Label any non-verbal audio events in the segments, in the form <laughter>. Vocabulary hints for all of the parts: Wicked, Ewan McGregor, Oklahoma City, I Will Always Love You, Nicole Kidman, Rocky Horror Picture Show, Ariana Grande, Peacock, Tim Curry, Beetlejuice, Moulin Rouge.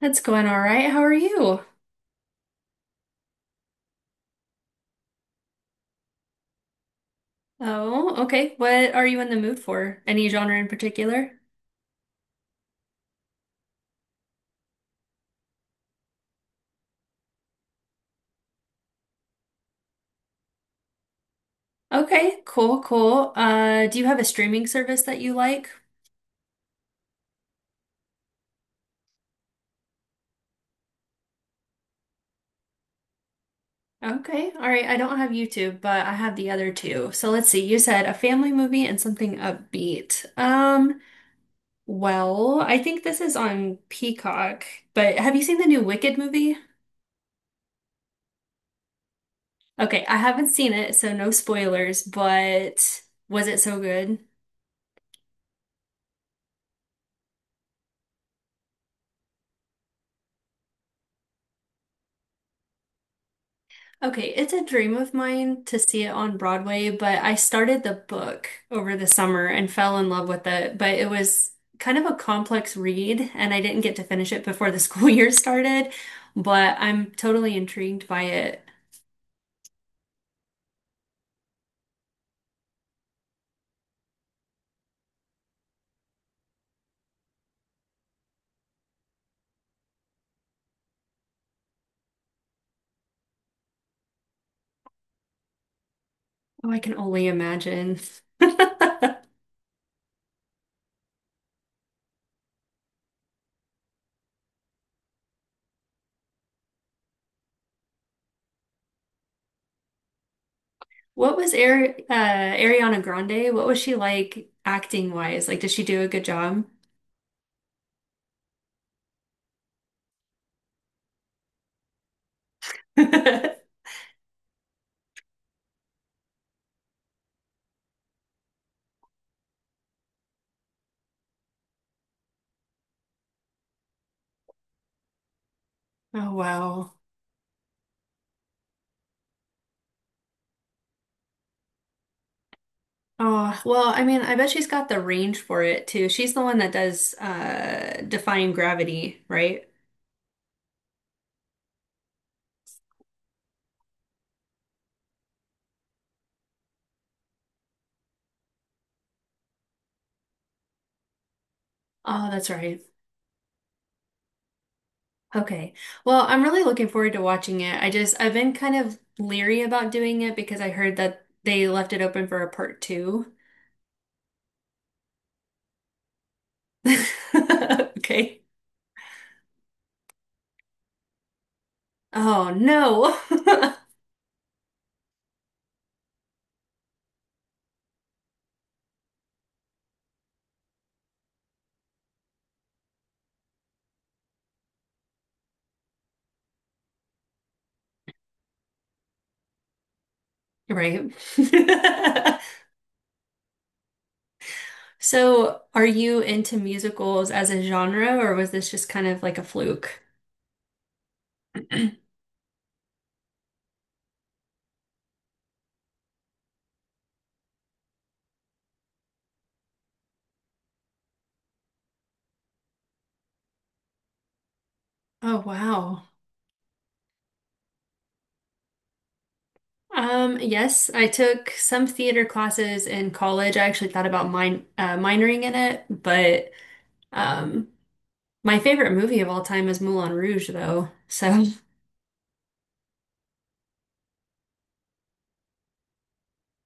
That's going all right. How are you? Oh, okay. What are you in the mood for? Any genre in particular? Okay, cool, cool. Do you have a streaming service that you like? Okay, all right. I don't have YouTube, but I have the other two. So let's see. You said a family movie and something upbeat. Well, I think this is on Peacock, but have you seen the new Wicked movie? Okay, I haven't seen it, so no spoilers, but was it so good? Okay, it's a dream of mine to see it on Broadway, but I started the book over the summer and fell in love with it. But it was kind of a complex read, and I didn't get to finish it before the <laughs> school year started. But I'm totally intrigued by it. Oh, I can only imagine. <laughs> What was Ariana Grande? What was she like acting wise? Like, did she do a good job? <laughs> Oh, wow. Oh, well, I mean, I bet she's got the range for it too. She's the one that does defying gravity, right? Oh, that's right. Okay. Well, I'm really looking forward to watching it. I've been kind of leery about doing it because I heard that they left it open for a part two. <laughs> Okay. Oh no. <laughs> Right. <laughs> So, are you into musicals as a genre, or was this just kind of like a fluke? Oh, wow. Yes, I took some theater classes in college. I actually thought about minoring in it, but um, my favorite movie of all time is Moulin Rouge, though. So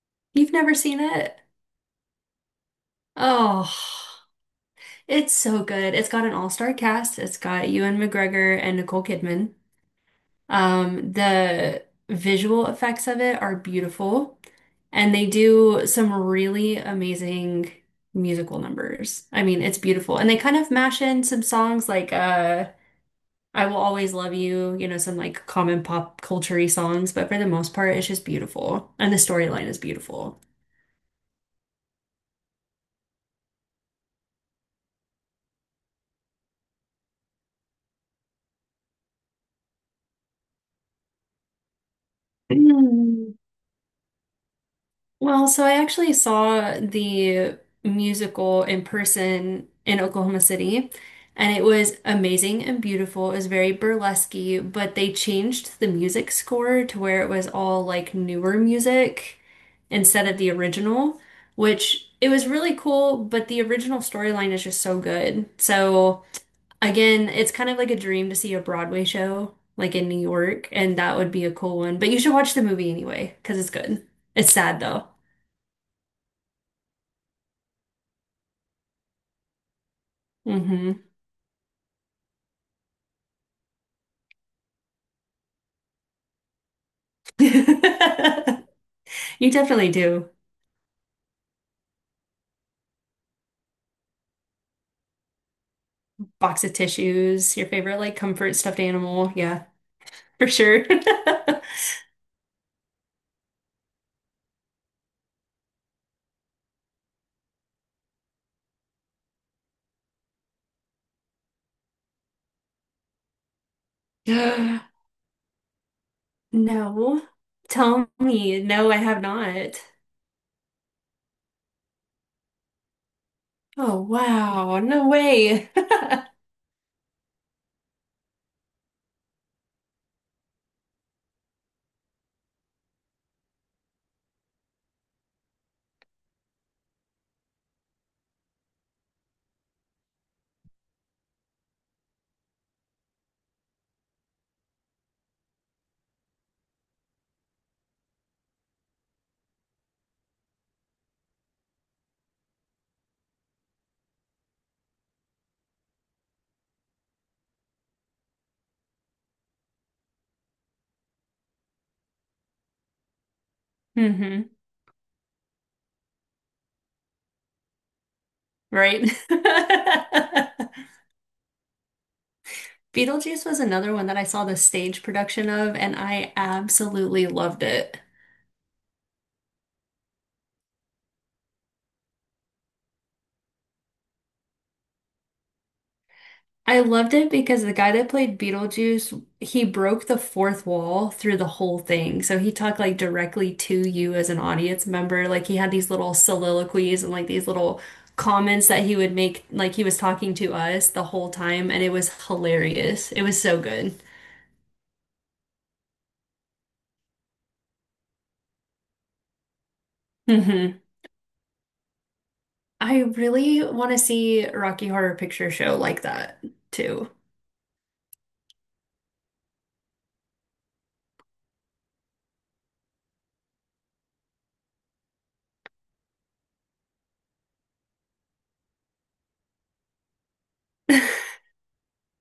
<laughs> you've never seen it? Oh, it's so good. It's got an all-star cast. It's got Ewan McGregor and Nicole Kidman. The visual effects of it are beautiful, and they do some really amazing musical numbers. I mean, it's beautiful. And they kind of mash in some songs like I Will Always Love You, you know, some like common pop culture songs, but for the most part, it's just beautiful. And the storyline is beautiful. Mm. Well, so I actually saw the musical in person in Oklahoma City, and it was amazing and beautiful. It was very burlesque, but they changed the music score to where it was all like newer music instead of the original, which it was really cool, but the original storyline is just so good. So again, it's kind of like a dream to see a Broadway show like in New York, and that would be a cool one. But you should watch the movie anyway, because it's good. It's sad though. Hmm. <laughs> You definitely do. Box of tissues, your favorite like comfort stuffed animal. Yeah, for sure. <laughs> <gasps> No. Tell me. No, I have not. Oh, wow. No way. <laughs> Hmm. Right. <laughs> Beetlejuice was another one that I saw the stage production of, and I absolutely loved it. I loved it because the guy that played Beetlejuice, he broke the fourth wall through the whole thing. So he talked like directly to you as an audience member. Like he had these little soliloquies and like these little comments that he would make, like he was talking to us the whole time, and it was hilarious. It was so good. Hmm. I really want to see Rocky Horror Picture Show like that too.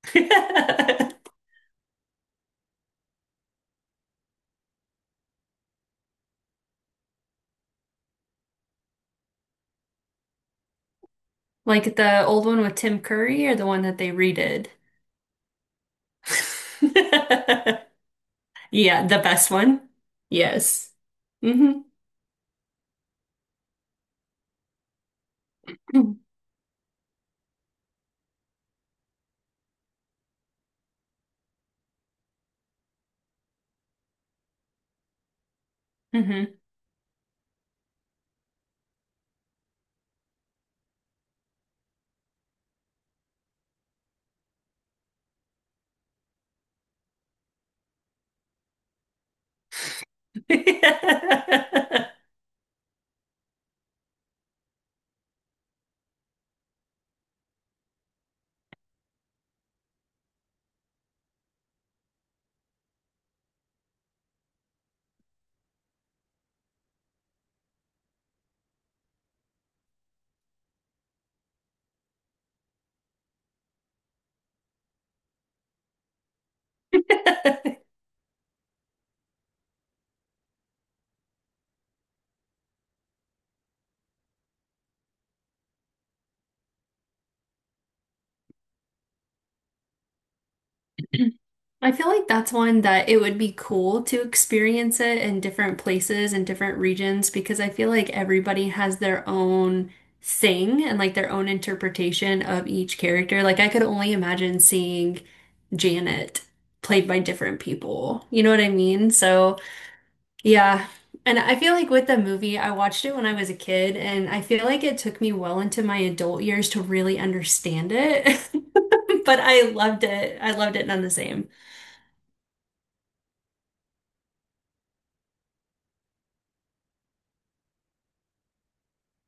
<laughs> Like the old one with Tim Curry or the one that they redid? <laughs> Yeah, the best one. Yes. Hmm. Hmm. <laughs> I feel like that's one that it would be cool to experience it in different places and different regions because I feel like everybody has their own thing and like their own interpretation of each character. Like I could only imagine seeing Janet played by different people. You know what I mean? So yeah. And I feel like with the movie, I watched it when I was a kid, and I feel like it took me well into my adult years to really understand it. <laughs> But I loved it. I loved it none the same.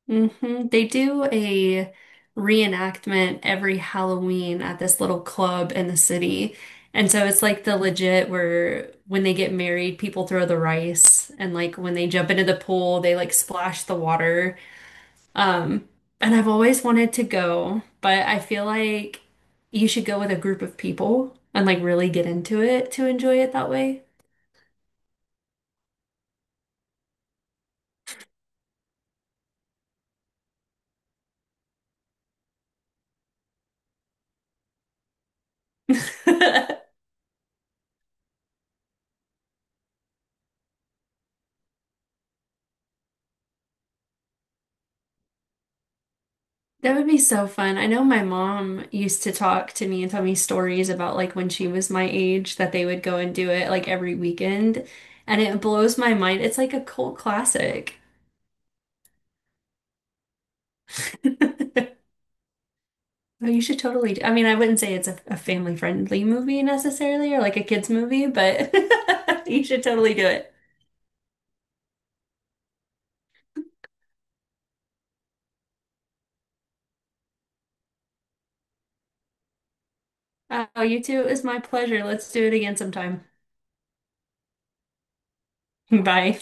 Hmm. They do a reenactment every Halloween at this little club in the city. And so it's like the legit where when they get married, people throw the rice, and like when they jump into the pool, they like splash the water. Um, and I've always wanted to go, but I feel like you should go with a group of people and like really get into it to enjoy it that way. <laughs> That would be so fun. I know my mom used to talk to me and tell me stories about like when she was my age that they would go and do it like every weekend. And it blows my mind. It's like a cult classic. <laughs> Oh, you should totally do. I mean, I wouldn't say it's a family friendly movie necessarily or like a kids movie, but <laughs> you should totally do it. Oh, you too. It was my pleasure. Let's do it again sometime. <laughs> Bye.